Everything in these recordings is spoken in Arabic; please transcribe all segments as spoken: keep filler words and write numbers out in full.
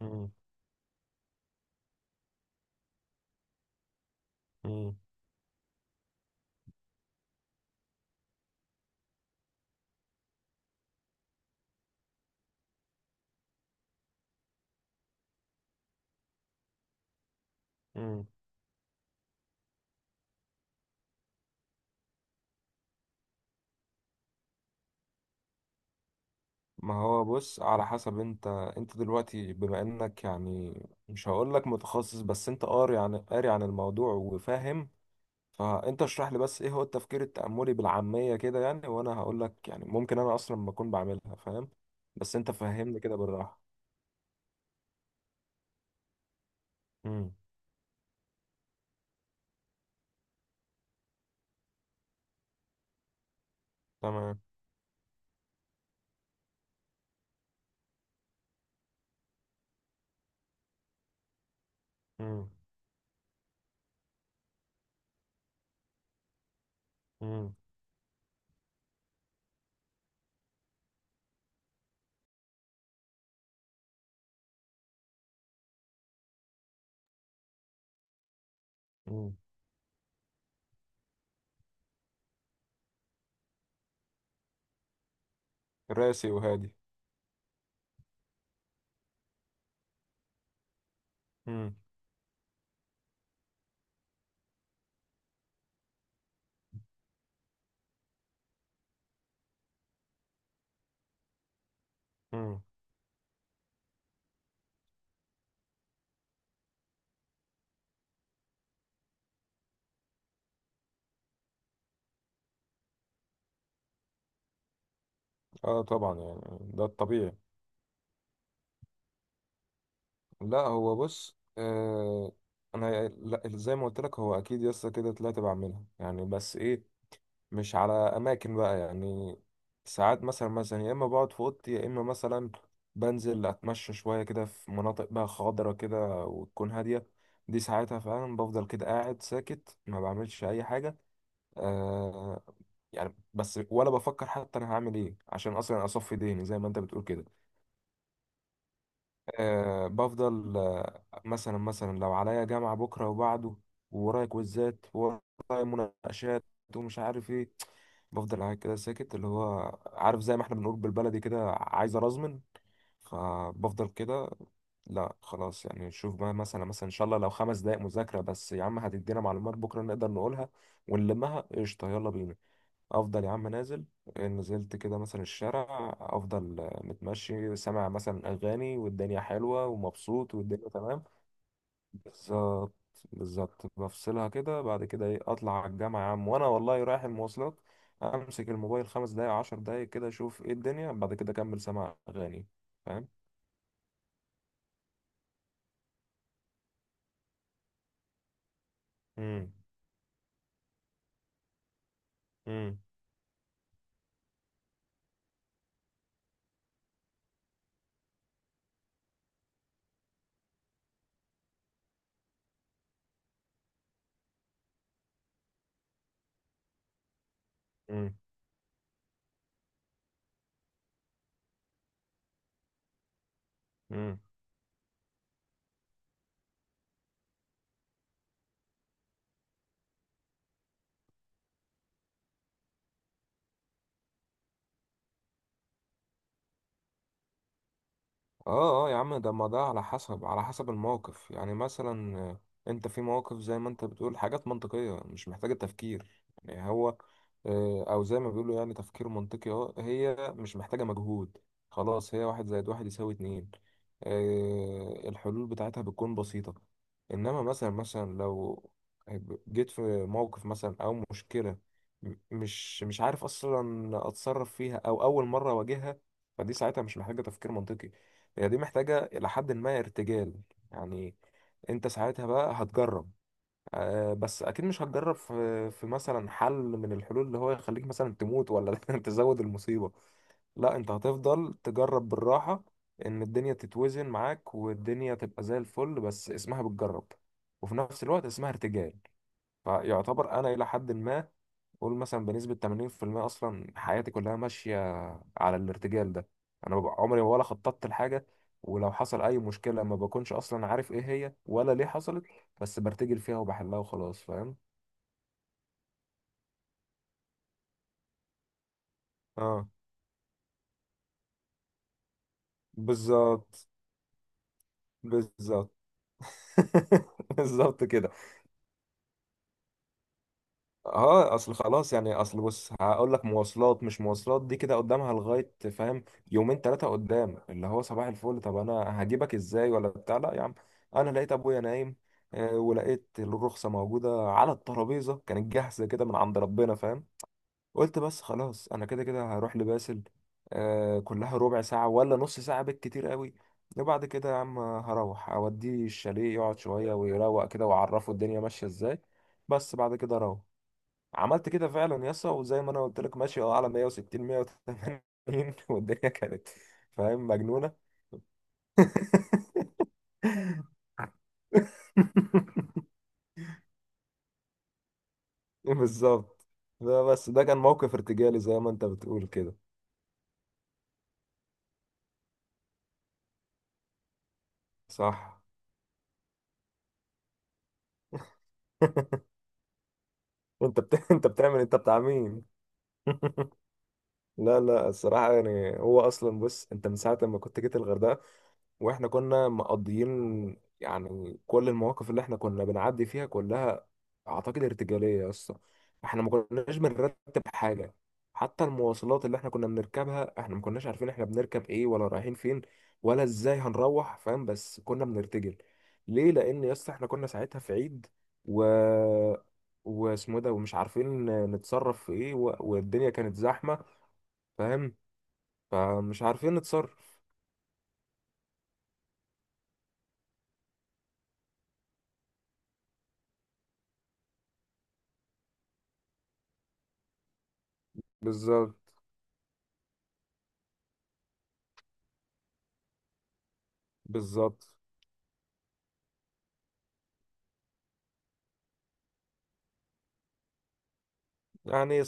مم. مم. مم. ما هو بص، على حسب. انت انت دلوقتي بما انك يعني مش هقولك متخصص، بس انت قاري عن قاري عن الموضوع وفاهم. فانت اشرح لي بس، ايه هو التفكير التأملي بالعامية كده يعني، وانا هقولك يعني ممكن انا اصلا ما اكون بعملها، فاهم؟ بس انت فهمني كده بالراحة. مم. تمام. مم. مم. مم. راسي وهادي. مم. مم. اه طبعا، يعني ده الطبيعي. لا هو بص، آه، انا لا، زي ما قلت لك، هو اكيد يسطا كده طلعت بعملها يعني، بس ايه، مش على اماكن بقى يعني. ساعات مثلا مثلا يا اما بقعد في اوضتي، يا اما مثلا بنزل اتمشى شويه كده في مناطق بقى خضرة كده وتكون هاديه. دي ساعتها فعلا بفضل كده قاعد ساكت، ما بعملش اي حاجه. آه يعني، بس ولا بفكر حتى انا هعمل ايه عشان اصلا اصفي ذهني زي ما انت بتقول كده. آه، بفضل آه مثلا مثلا لو عليا جامعة بكرة وبعده، وورايا كويزات وورايا مناقشات، ومش عارف ايه، بفضل قاعد كده ساكت، اللي هو عارف زي ما احنا بنقول بالبلدي كده، عايز ارزمن. فبفضل كده. لا خلاص يعني، شوف بقى مثلا مثلا ان شاء الله لو خمس دقايق مذاكرة بس يا عم هتدينا معلومات بكرة نقدر نقولها ونلمها، قشطة يلا بينا. افضل يا عم نازل. نزلت كده مثلا الشارع، افضل آه متمشي، سامع مثلا اغاني، والدنيا حلوه ومبسوط والدنيا تمام. بالظبط. بالظبط، بفصلها كده. بعد كده ايه؟ اطلع على الجامعه يا عم، وانا والله رايح المواصلات امسك الموبايل خمس دقايق عشر دقايق كده اشوف ايه الدنيا، بعد كده اكمل سماع اغاني. فاهم؟ امم. امم. امم. امم. اه اه يا عم، ده ما ده على حسب، على حسب الموقف يعني. مثلا آه، انت في مواقف زي ما انت بتقول، حاجات منطقية مش محتاجة تفكير يعني. هو آه، او زي ما بيقولوا يعني تفكير منطقي، اه هي مش محتاجة مجهود، خلاص، هي واحد زائد واحد يساوي اتنين. آه، الحلول بتاعتها بتكون بسيطة. انما مثلا مثلا لو جيت في موقف مثلا او مشكلة، م- مش مش عارف اصلا اتصرف فيها او اول مرة اواجهها، فدي ساعتها مش محتاجة تفكير منطقي، هي دي محتاجة إلى حد ما ارتجال يعني. أنت ساعتها بقى هتجرب. آه، بس أكيد مش هتجرب في في مثلا حل من الحلول اللي هو يخليك مثلا تموت ولا تزود المصيبة. لا، أنت هتفضل تجرب بالراحة، إن الدنيا تتوزن معاك والدنيا تبقى زي الفل، بس اسمها بتجرب وفي نفس الوقت اسمها ارتجال. فيعتبر أنا إلى حد ما قول مثلا بنسبة ثمانين في المية أصلا حياتي كلها ماشية على الارتجال ده. أنا ببقى عمري ولا خططت لحاجة، ولو حصل أي مشكلة ما بكونش أصلا عارف إيه هي ولا ليه حصلت، بس برتجل فيها وبحلها وخلاص. فاهم؟ آه، بالظبط. بالظبط. بالظبط كده. اه، اصل خلاص يعني، اصل بص هقول لك، مواصلات مش مواصلات دي كده قدامها لغايه، فاهم، يومين ثلاثه قدام، اللي هو صباح الفل طب انا هجيبك ازاي ولا بتاع، لا يا عم. انا لقيت ابويا نايم، آه، ولقيت الرخصه موجوده على الترابيزه، كانت جاهزه كده من عند ربنا، فاهم، قلت بس خلاص انا كده كده هروح لباسل، آه، كلها ربع ساعه ولا نص ساعه بالكتير قوي، وبعد كده يا عم هروح اوديه الشاليه يقعد شويه ويروق كده واعرفه الدنيا ماشيه ازاي، بس بعد كده اروح. عملت كده فعلا يسا، وزي ما انا قلت لك ماشي اه على مية وستين مية وتمانين والدنيا كانت فاهم مجنونة. بالظبط. ده بس ده كان موقف ارتجالي زي ما انت بتقول كده. صح. انت بت... انت بتعمل، انت بتاع مين؟ لا لا، الصراحة يعني هو اصلا بص، انت من ساعة ما كنت جيت الغردقة واحنا كنا مقضيين يعني، كل المواقف اللي احنا كنا بنعدي فيها كلها اعتقد ارتجاليه يا اسطى. احنا ما كناش بنرتب حاجه، حتى المواصلات اللي احنا كنا بنركبها احنا ما كناش عارفين احنا بنركب ايه ولا رايحين فين ولا ازاي هنروح، فاهم، بس كنا بنرتجل. ليه؟ لان يا اسطى احنا كنا ساعتها في عيد، و واسمه ده، ومش عارفين نتصرف في ايه، و... والدنيا كانت زحمه، فاهم، فمش عارفين نتصرف. بالظبط. بالظبط. يعني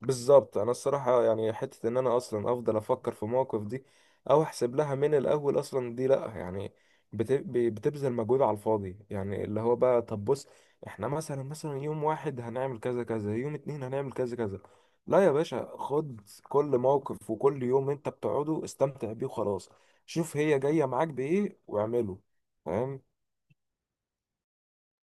بالظبط، انا الصراحه يعني حته ان انا اصلا افضل افكر في مواقف دي او احسب لها من الاول اصلا، دي لا يعني، بت- ب- بتبذل مجهود على الفاضي يعني، اللي هو بقى طب بص، احنا مثلا مثلا يوم واحد هنعمل كذا كذا، يوم اتنين هنعمل كذا كذا، لا يا باشا، خد كل موقف وكل يوم انت بتقعده استمتع بيه وخلاص، شوف هي جايه معاك بايه واعمله. فاهم؟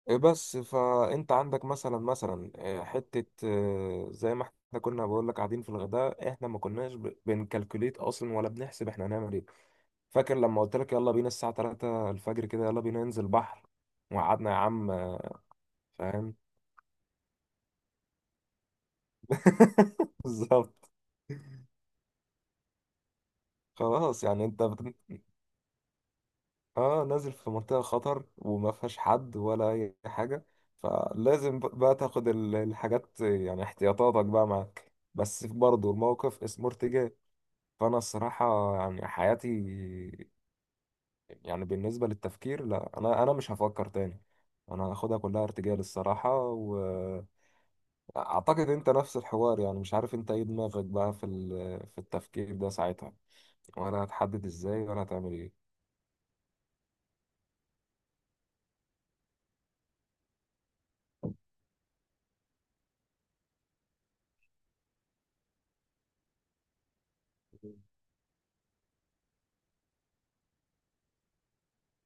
إيه بس فانت عندك مثلا مثلا آه، حته آه، زي ما احنا كنا بقول لك قاعدين في الغداء، احنا ما كناش ب- بنكالكوليت اصلا ولا بنحسب احنا هنعمل ايه. فاكر لما قلت لك يلا بينا الساعه تلاته الفجر كده، يلا بينا ننزل بحر، وقعدنا يا عم آه، فاهم. بالظبط. خلاص يعني انت بت... اه، نازل في منطقة خطر وما فيهاش حد ولا اي حاجة، فلازم ب- بقى تاخد ال- الحاجات يعني احتياطاتك بقى معاك، بس برضه الموقف اسمه ارتجال. فانا الصراحة يعني حياتي، يعني بالنسبة للتفكير، لا انا انا مش هفكر تاني، انا هاخدها كلها ارتجال الصراحة. واعتقد انت نفس الحوار يعني، مش عارف انت ايه دماغك بقى في ال- في التفكير ده ساعتها، ولا هتحدد ازاي ولا هتعمل ايه.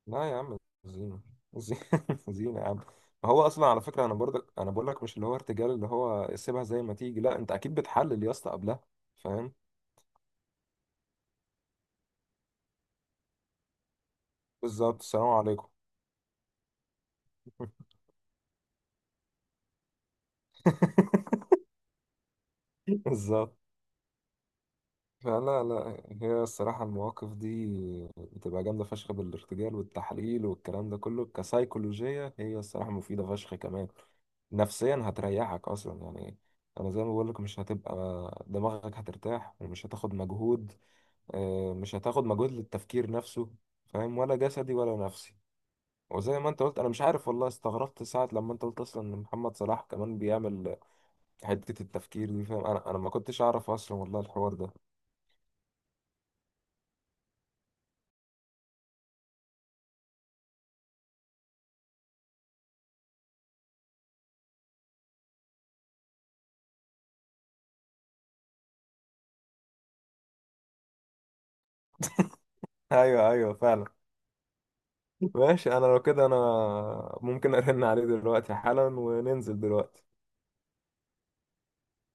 لا يا عم، زينة. زينة زينة يا عم. ما هو اصلا على فكره انا برضك انا بقول لك، مش اللي هو ارتجال اللي هو سيبها زي ما تيجي، لا انت اكيد بتحلل يا اسطى قبلها، فاهم. بالظبط. السلام عليكم. بالظبط. فلا لا، هي الصراحه المواقف دي بتبقى جامده فشخ، بالارتجال والتحليل والكلام ده كله كسيكولوجيه، هي الصراحه مفيده فشخ كمان نفسيا، هتريحك اصلا يعني. انا زي ما بقول لك، مش هتبقى، دماغك هترتاح ومش هتاخد مجهود، آه، مش هتاخد مجهود للتفكير نفسه، فاهم، ولا جسدي ولا نفسي. وزي ما انت قلت، انا مش عارف والله، استغربت ساعة لما انت قلت اصلا ان محمد صلاح كمان بيعمل حتة التفكير دي، فاهم، انا انا ما كنتش اعرف اصلا والله الحوار ده. ايوه ايوه، فعلا ماشي. انا لو كده انا ممكن ارن عليه دلوقتي حالا وننزل دلوقتي.